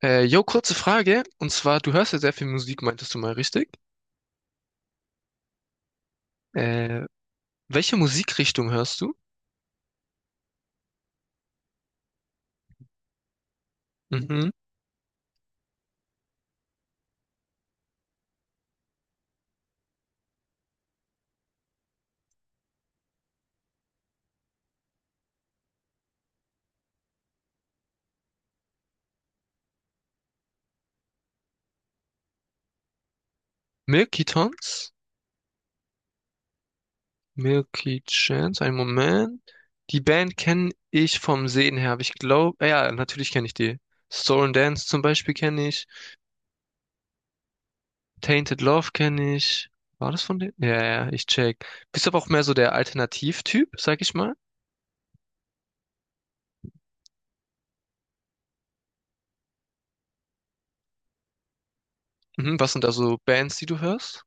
Kurze Frage. Und zwar, du hörst ja sehr viel Musik, meintest du mal, richtig? Äh, welche Musikrichtung hörst du? Mhm. Milky Tones? Milky Chance? Einen Moment. Die Band kenne ich vom Sehen her, aber ich glaube, ja, natürlich kenne ich die. Soul and Dance zum Beispiel kenne ich. Tainted Love kenne ich. War das von denen? Ja, ja, ja, ich check. Bist aber auch mehr so der Alternativtyp, sag ich mal. Mhm. Was sind da so Bands, die du hörst?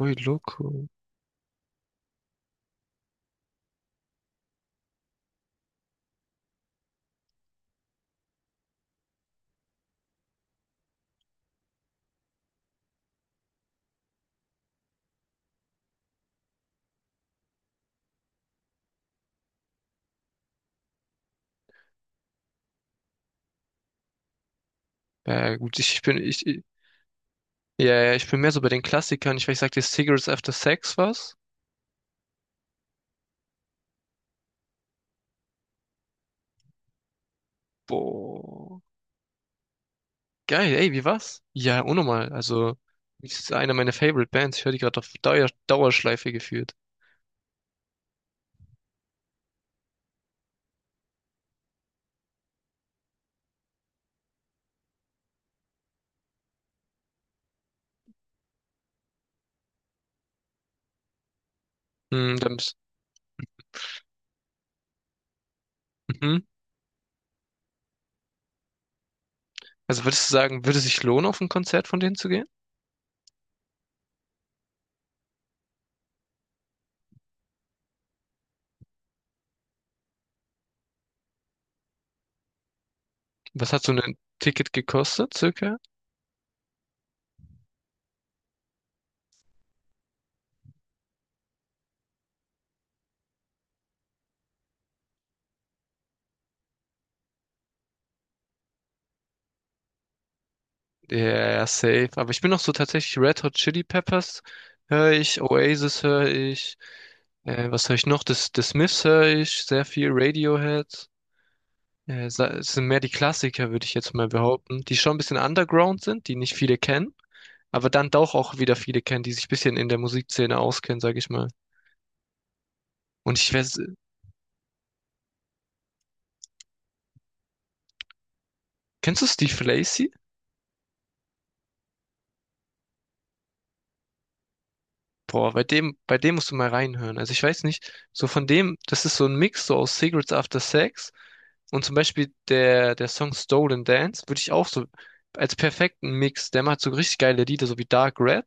Ui, Loco. Ja, gut, ich bin, ich, ja, ja, ich bin mehr so bei den Klassikern. Ich weiß, sagt dir Cigarettes After Sex was? Boah. Geil, ey, wie war's? Ja, unnormal. Also, das ist eine meiner Favorite Bands. Ich höre die gerade auf Dauerschleife geführt. Hm, dann bist, mhm. Also würdest du sagen, würde es sich lohnen, auf ein Konzert von denen zu gehen? Was hat so ein Ticket gekostet, circa? Ja, ja, safe. Aber ich bin noch so tatsächlich Red Hot Chili Peppers höre ich, Oasis höre ich, was höre ich noch? Das, the Smiths höre ich, sehr viel Radiohead. Sa- es sind mehr die Klassiker, würde ich jetzt mal behaupten, die schon ein bisschen underground sind, die nicht viele kennen, aber dann doch auch wieder viele kennen, die sich ein bisschen in der Musikszene auskennen, sage ich mal. Und ich weiß, kennst du Steve Lacy? Boah, bei dem musst du mal reinhören. Also ich weiß nicht, so von dem, das ist so ein Mix so aus Cigarettes After Sex. Und zum Beispiel der Song Stolen Dance würde ich auch so als perfekten Mix, der macht so richtig geile Lieder, so wie Dark Red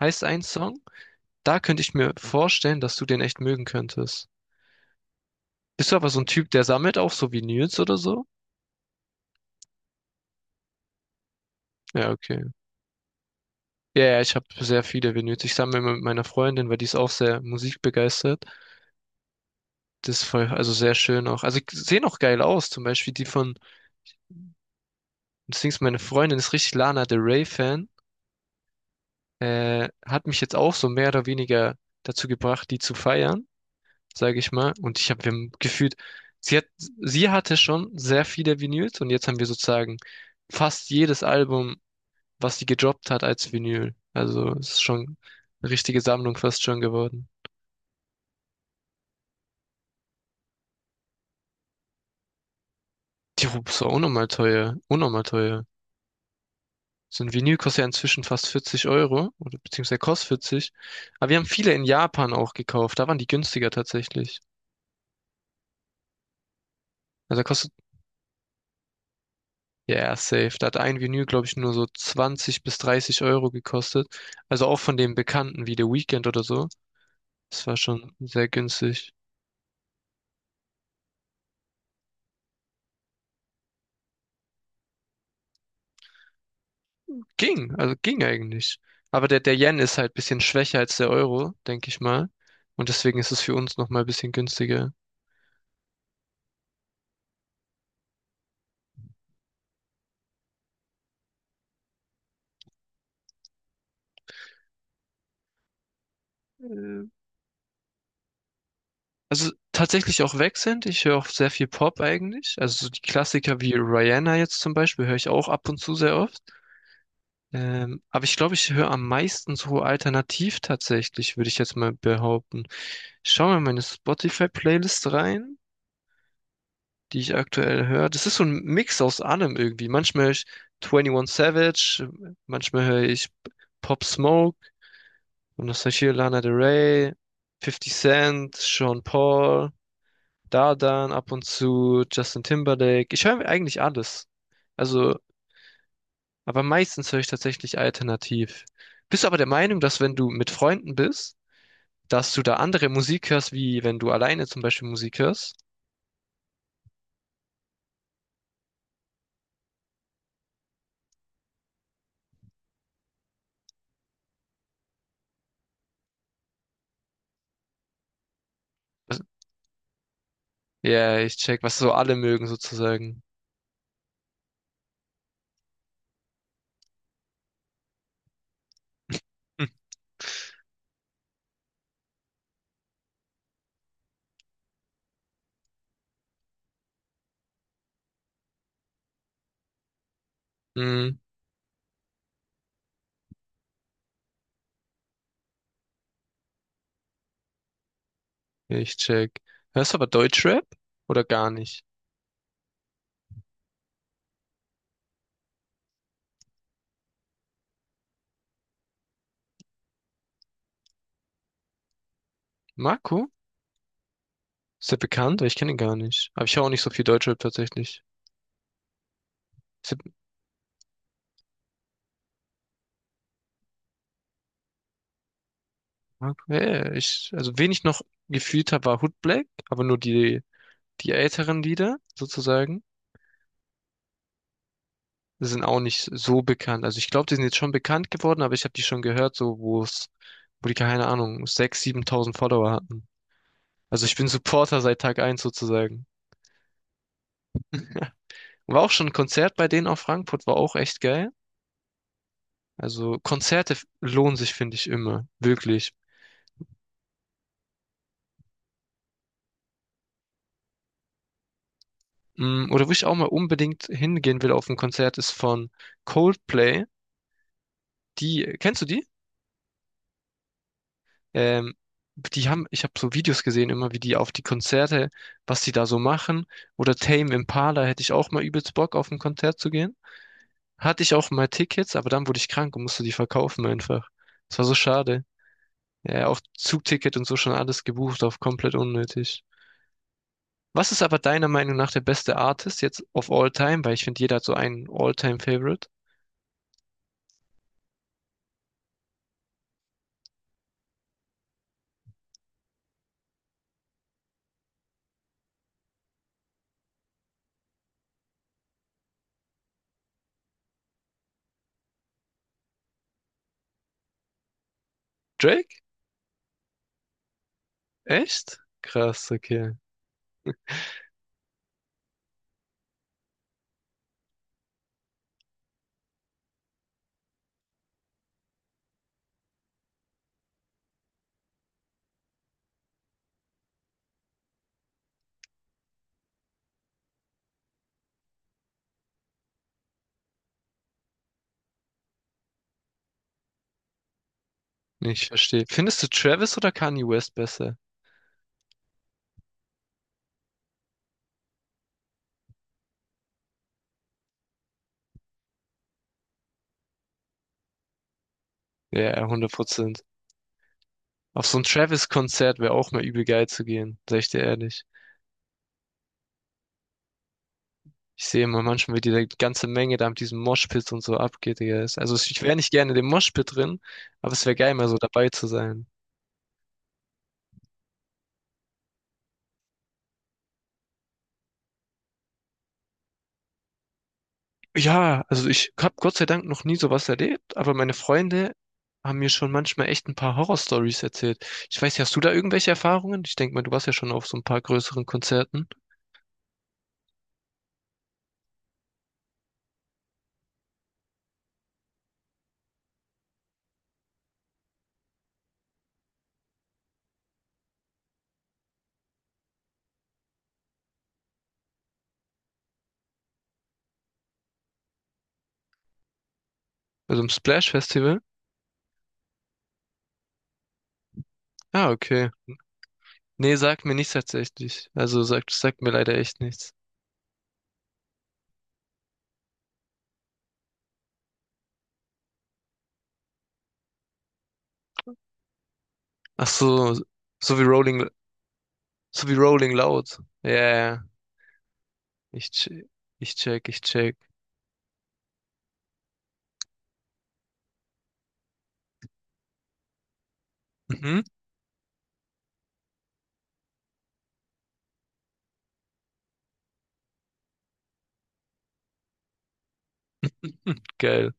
heißt ein Song. Da könnte ich mir vorstellen, dass du den echt mögen könntest. Bist du aber so ein Typ, der sammelt auch so Vinyls oder so? Ja, okay. Ja, ja, ich habe sehr viele Vinyls. Ich sammle immer mit meiner Freundin, weil die ist auch sehr musikbegeistert. Das ist voll, also sehr schön auch. Also sehen auch geil aus. Zum Beispiel die von, das Ding ist, meine Freundin ist richtig Lana Del Rey Fan. Äh, hat mich jetzt auch so mehr oder weniger dazu gebracht, die zu feiern, sage ich mal. Und ich habe wir gefühlt, sie hatte schon sehr viele Vinyls und jetzt haben wir sozusagen fast jedes Album, was sie gedroppt hat, als Vinyl. Also es ist schon eine richtige Sammlung fast schon geworden. Die Rubis war unnormal teuer, unnormal teuer. So ein Vinyl kostet ja inzwischen fast 40 Euro, oder beziehungsweise kostet 40. Aber wir haben viele in Japan auch gekauft, da waren die günstiger tatsächlich. Also da kostet. Ja, ja, safe. Da hat ein Vinyl, glaube ich, nur so 20 bis 30 € gekostet. Also auch von den Bekannten wie The Weeknd oder so. Das war schon sehr günstig. Ging, also ging eigentlich. Aber der Yen ist halt bisschen schwächer als der Euro, denke ich mal. Und deswegen ist es für uns nochmal ein bisschen günstiger. Äh, Also tatsächlich auch wechselnd. Ich höre auch sehr viel Pop eigentlich. Also so die Klassiker wie Rihanna jetzt zum Beispiel höre ich auch ab und zu sehr oft. Aber ich glaube, ich höre am meisten so alternativ tatsächlich, würde ich jetzt mal behaupten. Ich schaue mal in meine Spotify-Playlist rein, die ich aktuell höre. Das ist so ein Mix aus allem irgendwie. Manchmal höre ich 21 Savage, manchmal höre ich Pop Smoke und das heißt hier Lana Del Rey, Fifty Cent, Sean Paul, Dadan ab und zu, Justin Timberlake. Ich höre eigentlich alles. Also aber meistens höre ich tatsächlich alternativ. Bist du aber der Meinung, dass wenn du mit Freunden bist, dass du da andere Musik hörst, wie wenn du alleine zum Beispiel Musik hörst? Was- ja, ich check, was so alle mögen sozusagen. Hm. Hm, ich check. Hörst du aber Deutschrap oder gar nicht? Marco? Ist der bekannt? Ich kenne ihn gar nicht. Aber ich höre auch nicht so viel Deutschrap tatsächlich. Ist der Marco? Ja, ja, ja, ich, also wen ich noch gefühlt habe, war Hood Black, aber nur die älteren Lieder sozusagen. Sind auch nicht so bekannt. Also ich glaube, die sind jetzt schon bekannt geworden, aber ich habe die schon gehört, so wo die keine Ahnung, 6.000, 7.000 Follower hatten. Also ich bin Supporter seit Tag eins sozusagen. War auch schon ein Konzert bei denen auf Frankfurt, war auch echt geil. Also Konzerte lohnen sich, finde ich, immer. Wirklich. Mm, oder wo ich auch mal unbedingt hingehen will auf ein Konzert, ist von Coldplay. Die, kennst du die? Ähm, die haben, ich habe so Videos gesehen, immer wie die auf die Konzerte, was die da so machen. Oder Tame Impala hätte ich auch mal übelst Bock, auf ein Konzert zu gehen. Hatte ich auch mal Tickets, aber dann wurde ich krank und musste die verkaufen einfach. Das war so schade. Ja, auch Zugticket und so schon alles gebucht auf komplett unnötig. Was ist aber deiner Meinung nach der beste Artist jetzt of all time? Weil ich finde, jeder hat so einen All-Time-Favorite. Drake? Echt? Krass, okay. Nee, ich verstehe. Findest du Travis oder Kanye West besser? Ja, 100%. Auf so ein Travis-Konzert wäre auch mal übel geil zu gehen, sag ich dir ehrlich. Ich sehe immer manchmal, wie die ganze Menge da mit diesem Moshpit und so abgeht, Digga. Es- Also ich wäre nicht gerne in dem Moshpit drin, aber es wäre geil, mal so dabei zu sein. Ja, also ich habe Gott sei Dank noch nie sowas erlebt, aber meine Freunde haben mir schon manchmal echt ein paar Horror-Stories erzählt. Ich weiß nicht, hast du da irgendwelche Erfahrungen? Ich denke mal, du warst ja schon auf so ein paar größeren Konzerten, also im Splash-Festival. Ah, okay. Nee, sagt mir nichts tatsächlich. Also sagt mir leider echt nichts. Ach so, so wie Rolling, so wie Rolling Loud. Ja, ja, ja. ich check, ich check, ich check. Mhm. Hm, geil.